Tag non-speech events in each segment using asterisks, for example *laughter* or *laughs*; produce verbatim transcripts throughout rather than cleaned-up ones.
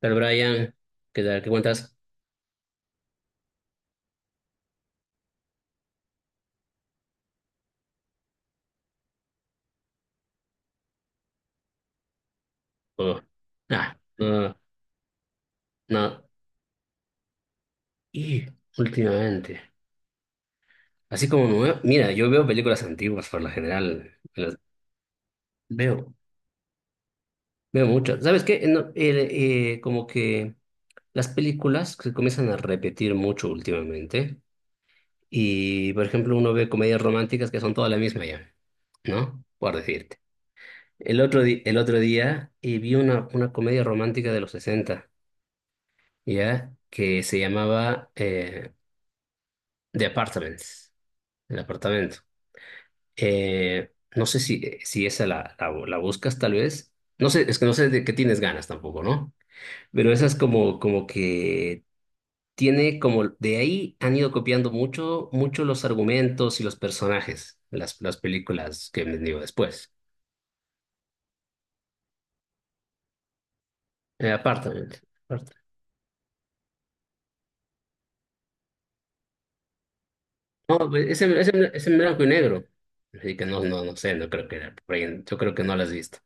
Pero Brian, ¿qué tal? ¿Qué cuentas? Oh, nada, no, no. Y últimamente, así como me veo- mira, yo veo películas antiguas por lo general, las veo, veo mucho. ¿Sabes qué? No, eh, eh, como que las películas se comienzan a repetir mucho últimamente y, por ejemplo, uno ve comedias románticas que son todas la misma ya, ¿no? Por decirte. El otro, di- el otro día eh, vi una, una comedia romántica de los sesenta, ¿ya? Que se llamaba... eh, de Apartments, el apartamento. Eh, no sé si, si esa la, la, la buscas tal vez. No sé, es que no sé de qué tienes ganas tampoco, ¿no? Pero esa es como, como que tiene como, de ahí han ido copiando mucho, mucho los argumentos y los personajes, las, las películas que me digo después. Eh, Apartment. Apartment. No, pues, ese, ese, ese en blanco y negro. Así que no, no, no sé, no creo que era por ahí. Yo creo que no lo has visto.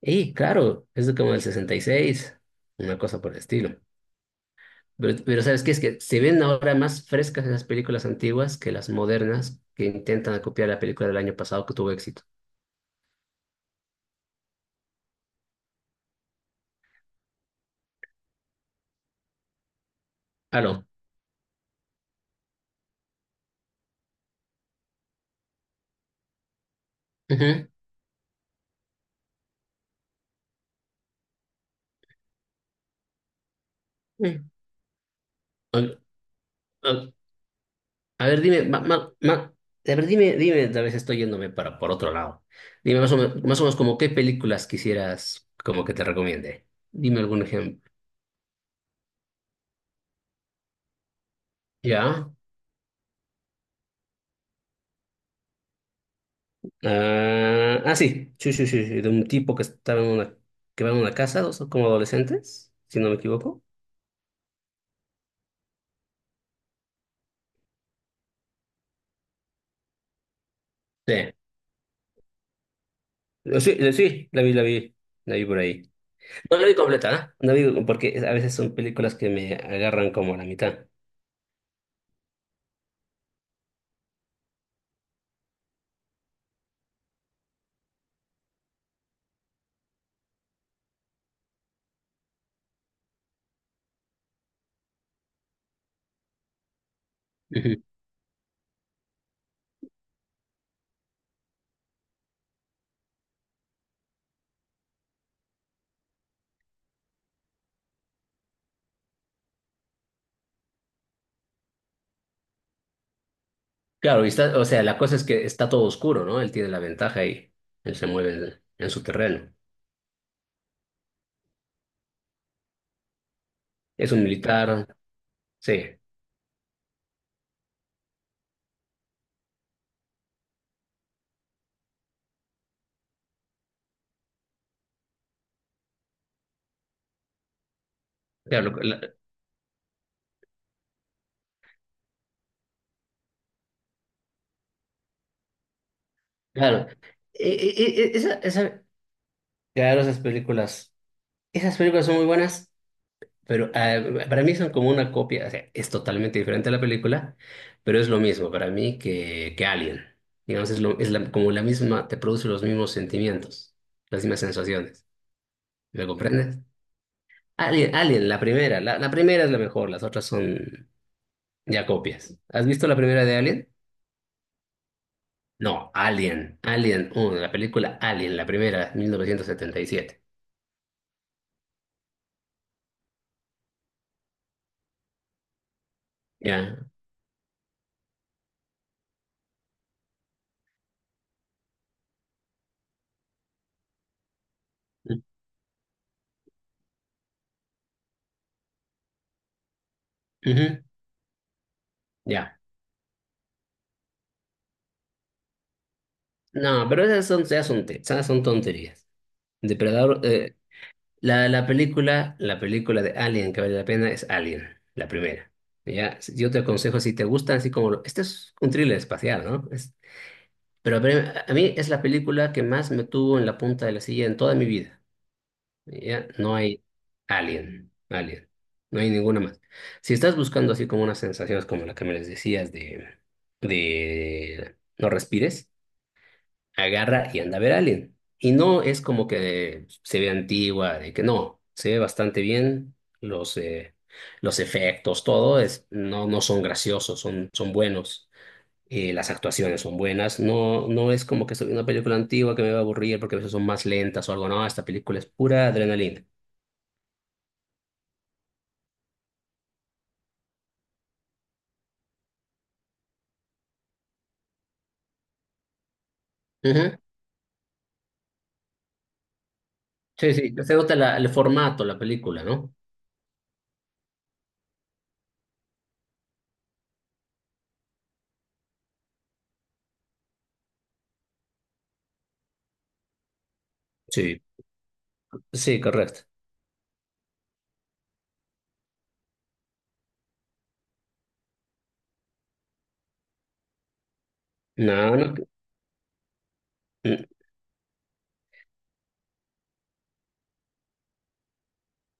Y claro, es de como el sesenta y seis, una cosa por el estilo. Pero, pero ¿sabes qué? Es que se ven ahora más frescas esas películas antiguas que las modernas que intentan copiar la película del año pasado que tuvo éxito. Aló. Ujú. Sí. Ol- ol- A ver, dime, ma- ma- ma- a ver, dime, dime, a veces estoy yéndome para por otro lado. Dime más o menos, más o menos como qué películas quisieras como que te recomiende. Dime algún ejemplo. ¿Ya? Ah, ah, sí. Sí, sí, sí, sí, de un tipo que estaba en una, que va en una casa, dos como adolescentes, si no me equivoco. Sí. Sí, sí, la vi, la vi, la vi por ahí. No la vi completa, ¿no? No vi porque a veces son películas que me agarran como a la mitad. ¿Eh? Ujú. Claro, y está, o sea, la cosa es que está todo oscuro, ¿no? Él tiene la ventaja y él se mueve en, en su terreno. Es un militar, sí, claro, lo- la- claro. E- e- e- esa- esa- claro, esas películas, esas películas son muy buenas. Pero ah, para mí son como una copia, o sea, es totalmente diferente a la película, pero es lo mismo para mí que, que Alien. Digamos, es, lo, es la- como la misma, te produce los mismos sentimientos, las mismas sensaciones. ¿Me comprendes? Alien, Alien, la primera, la, la primera es la mejor, las otras son ya copias. ¿Has visto la primera de Alien? No, Alien, Alien uno, la película Alien, la primera, mil novecientos setenta y siete. Ya. Ujú, ya. No, pero esas son, ya son, te- esas son tonterías. Depredador, eh, la, la película, la película de Alien que vale la pena es Alien, la primera. Ya, yo te aconsejo si te gustan así como lo- este es un thriller espacial, ¿no? Es- pero a ver, a mí es la película que más me tuvo en la punta de la silla en toda mi vida. Ya, no hay Alien, Alien, no hay ninguna más. Si estás buscando así como unas sensaciones como la que me les decías de de no respires, agarra y anda a ver a alguien. Y no es como que se ve antigua, de que no, se ve bastante bien los, eh, los efectos, todo es, no, no son graciosos, son, son buenos. Eh, las actuaciones son buenas, no, no es como que soy una película antigua que me va a aburrir porque a veces son más lentas o algo, no, esta película es pura adrenalina. Ujú. Sí, sí, se nota la- el formato, la película, ¿no? Sí, sí, correcto. No, no, mm,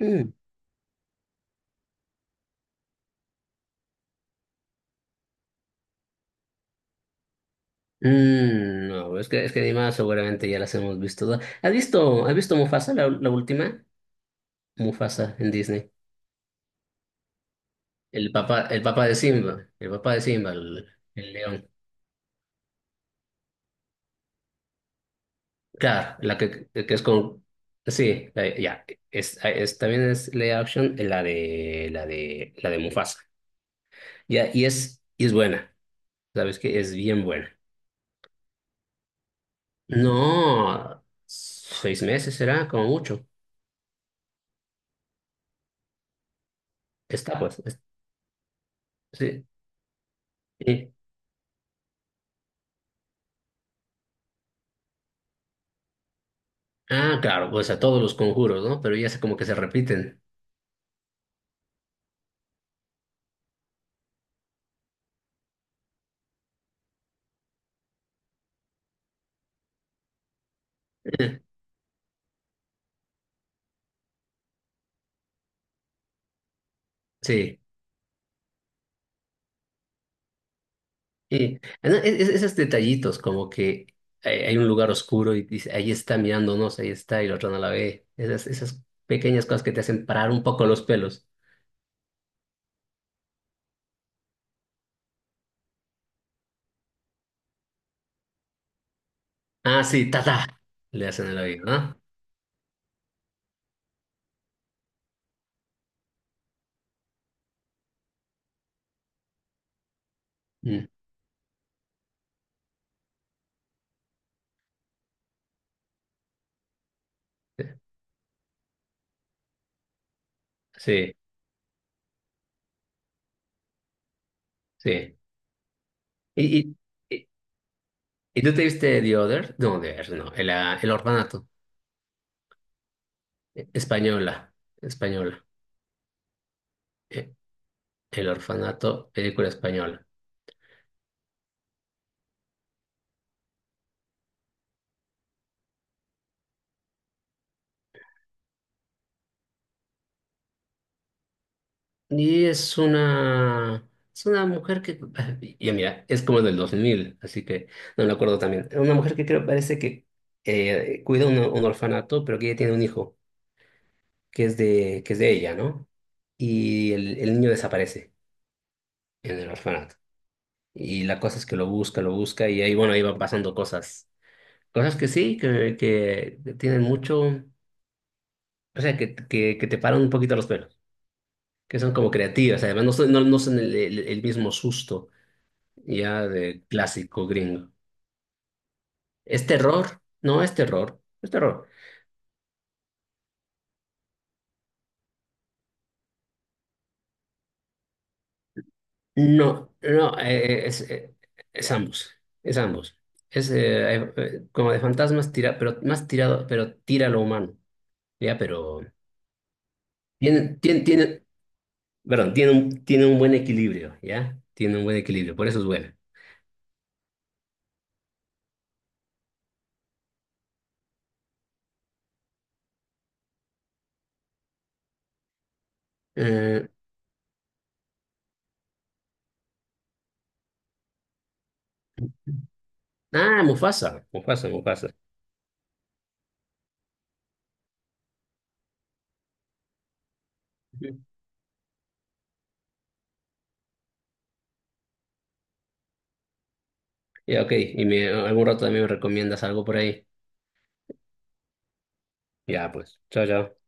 mm. Mm, no, es que, es que Dima seguramente ya las hemos visto todas. ¿Has visto, has visto Mufasa, la, la última? Mufasa en Disney. El papá, el papá de Simba, el papá de Simba, el, el león. Claro, la que, que es con... Sí, la- ya, es, es- también es live action, eh, la de, la de, la de Mufasa. Ya, y es, y es buena, ¿sabes que es bien buena? No, seis meses será, como mucho. Está pues, es- sí. Ah, claro, pues a todos los conjuros, ¿no? Pero ya sé como que se repiten. *laughs* Sí. Y no, es- es- esos detallitos, como que hay, hay un lugar oscuro y dice, ahí está mirándonos, ahí está, y la otra no la ve. Esas, esas pequeñas cosas que te hacen parar un poco los pelos. Ah, sí, tata, le hacen el oído, ¿no? Mm. Sí, sí. ¿Y, y, y- y tú te viste The Other? No, The Other, no, el, ah, el orfanato, eh, española, española. Eh, El orfanato, película española. Y es una, es una mujer que, *laughs* y mira, es como del dos mil así que no me acuerdo también. Una mujer que creo parece que eh, cuida un, un orfanato, pero que ella tiene un hijo, que es de, que es de ella, ¿no? Y el, el niño desaparece en el orfanato. Y la cosa es que lo busca, lo busca, y ahí, bueno, ahí van pasando cosas. Cosas que sí, que, que tienen mucho, o sea, que, que, que te paran un poquito los pelos, que son como creativas, además no, son- no, no son el el- el mismo susto ya de clásico gringo. ¿Es terror? No es terror, es terror. No, no, eh, es, eh, es ambos, es ambos. Es eh, eh, eh, como de fantasmas, tira, pero más tirado, pero tira a lo humano, ¿ya? Pero tiene, tiene, tiene, perdón, tiene un, tiene un buen equilibrio, ¿ya? Tiene un buen equilibrio, por eso es buena. Eh, ah, Mufasa, Mufasa, Mufasa. Ujú. Ya, ok, y me, algún rato también me recomiendas algo por ahí. Ya, pues, chao, chao.